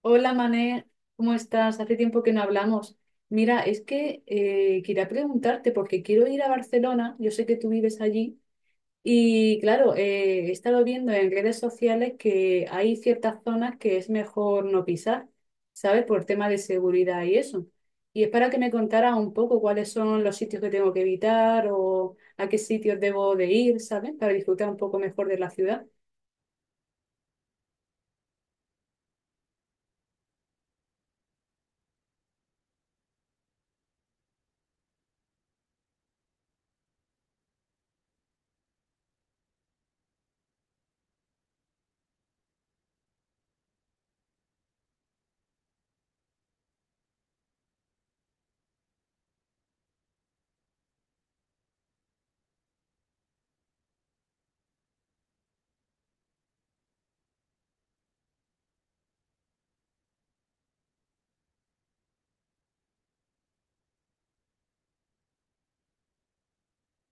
Hola Mané, ¿cómo estás? Hace tiempo que no hablamos. Mira, es que quería preguntarte porque quiero ir a Barcelona, yo sé que tú vives allí y claro, he estado viendo en redes sociales que hay ciertas zonas que es mejor no pisar, ¿sabes? Por tema de seguridad y eso. Y es para que me contara un poco cuáles son los sitios que tengo que evitar o a qué sitios debo de ir, ¿sabes? Para disfrutar un poco mejor de la ciudad.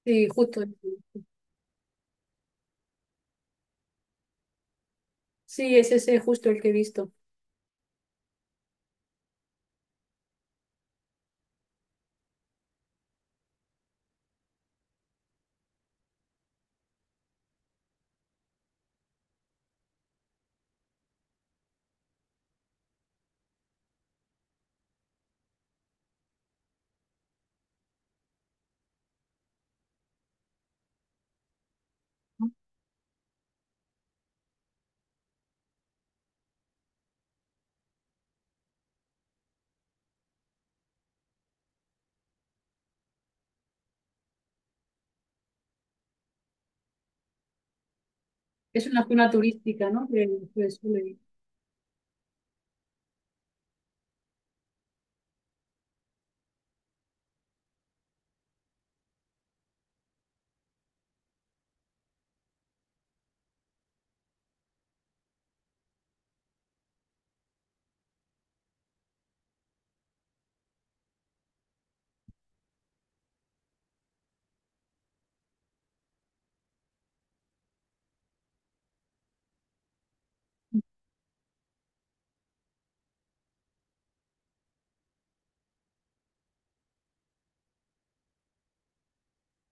Sí, justo. Sí, es ese justo el que he visto. Es una zona turística, ¿no? Que suele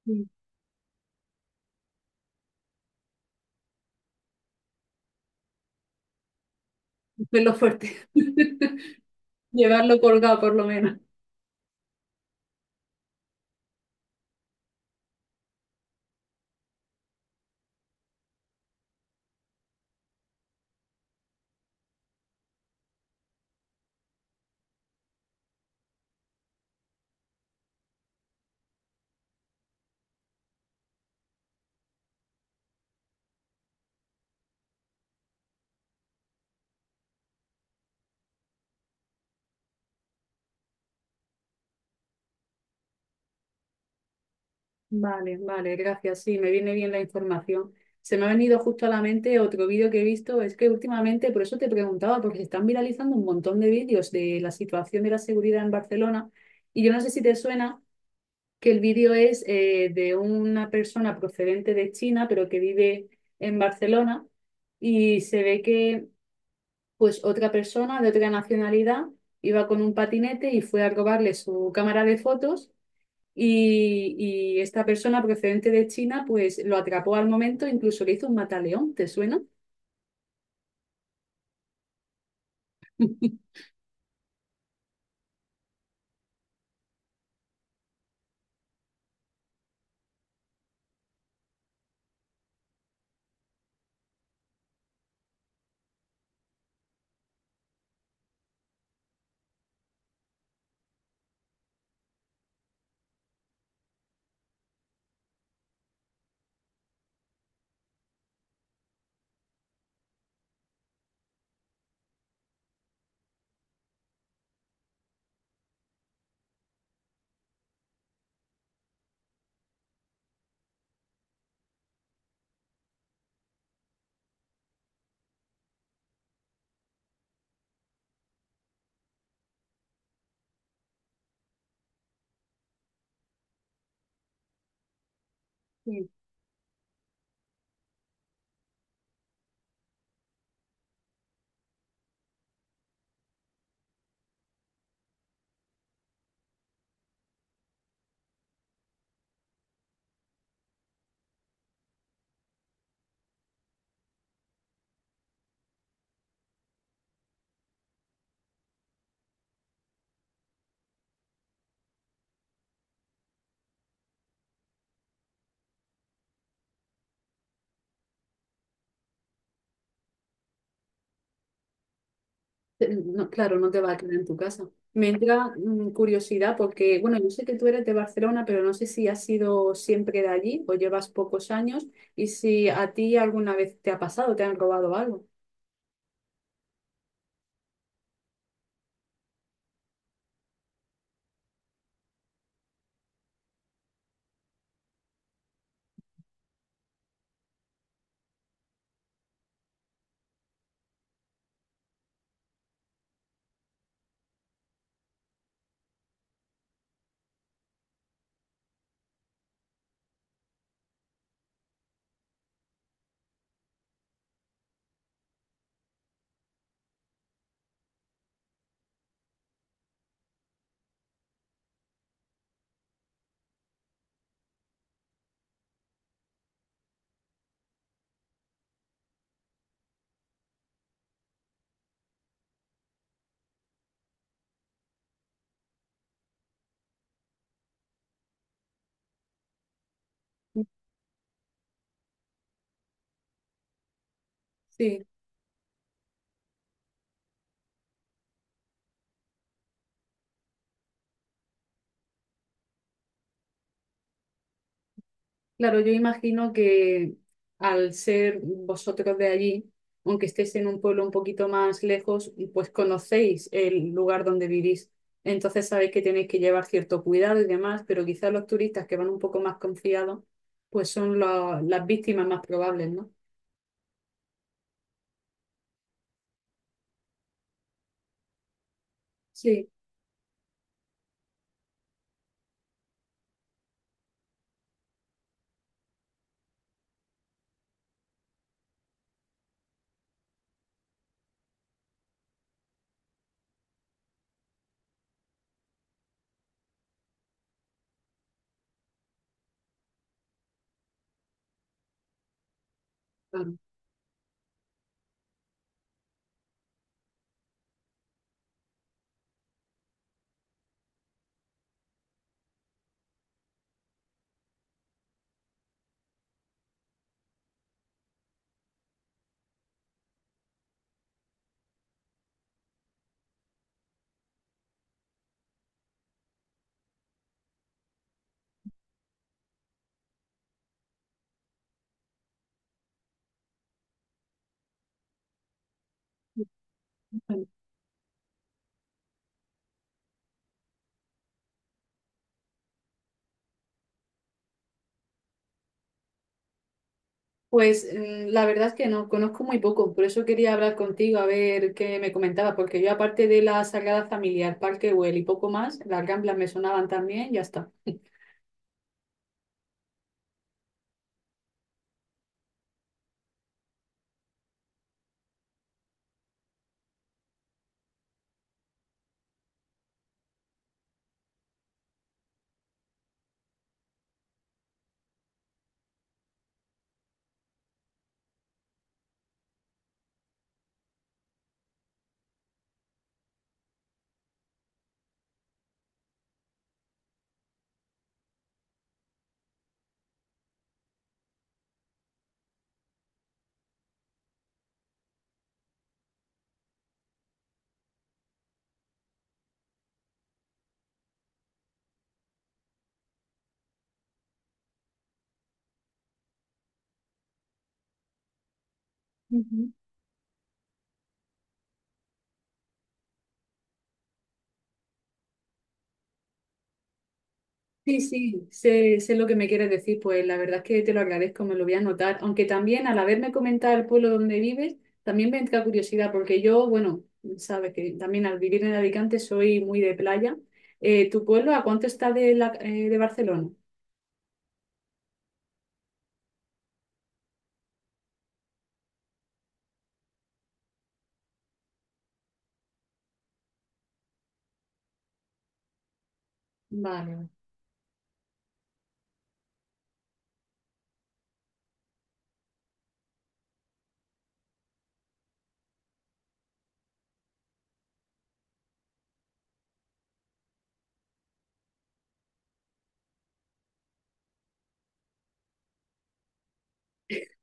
mm, hacerlo fuerte. Llevarlo colgado, por lo menos. Vale, vale, gracias. Sí, me viene bien la información. Se me ha venido justo a la mente otro vídeo que he visto. Es que últimamente, por eso te preguntaba, porque se están viralizando un montón de vídeos de la situación de la seguridad en Barcelona. Y yo no sé si te suena que el vídeo es de una persona procedente de China, pero que vive en Barcelona. Y se ve que pues otra persona de otra nacionalidad iba con un patinete y fue a robarle su cámara de fotos y, y esta persona procedente de China pues lo atrapó al momento, incluso le hizo un mataleón, ¿te suena? Sí. No, claro, no te va a quedar en tu casa. Me entra curiosidad porque, bueno, yo sé que tú eres de Barcelona, pero no sé si has sido siempre de allí o llevas pocos años y si a ti alguna vez te ha pasado, te han robado algo. Sí. Claro, yo imagino que al ser vosotros de allí, aunque estéis en un pueblo un poquito más lejos, pues conocéis el lugar donde vivís. Entonces sabéis que tenéis que llevar cierto cuidado y demás, pero quizás los turistas que van un poco más confiados, pues son las víctimas más probables, ¿no? Sí, claro. Pues la verdad es que no, conozco muy poco, por eso quería hablar contigo a ver qué me comentaba, porque yo aparte de la Sagrada Familia, el Parque Güell y poco más, las Ramblas me sonaban también, ya está. Sí, sí, sé lo que me quieres decir, pues la verdad es que te lo agradezco, me lo voy a anotar, aunque también al haberme comentado el pueblo donde vives, también me entra curiosidad, porque yo, bueno, sabes que también al vivir en Alicante soy muy de playa. ¿tu pueblo a cuánto está de, la, de Barcelona? Vale,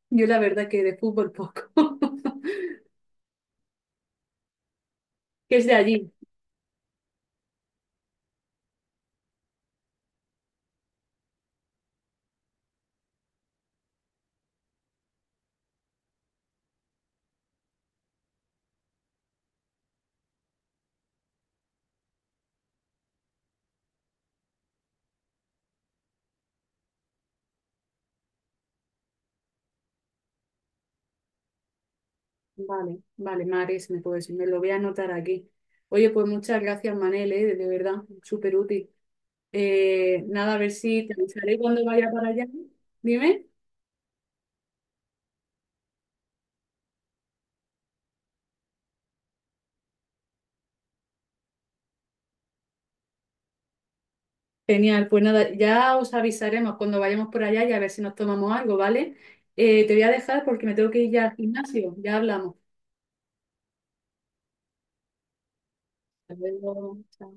yo la verdad que de fútbol poco, que es de allí. Vale, vale, Mares, me, pues, me lo voy a anotar aquí. Oye, pues muchas gracias, Manel, de verdad, súper útil. Nada, a ver si te avisaré cuando vaya para allá. Dime. Genial, pues nada, ya os avisaremos cuando vayamos por allá y a ver si nos tomamos algo, ¿vale? Te voy a dejar porque me tengo que ir ya al gimnasio. Ya hablamos. Hasta luego. Chao.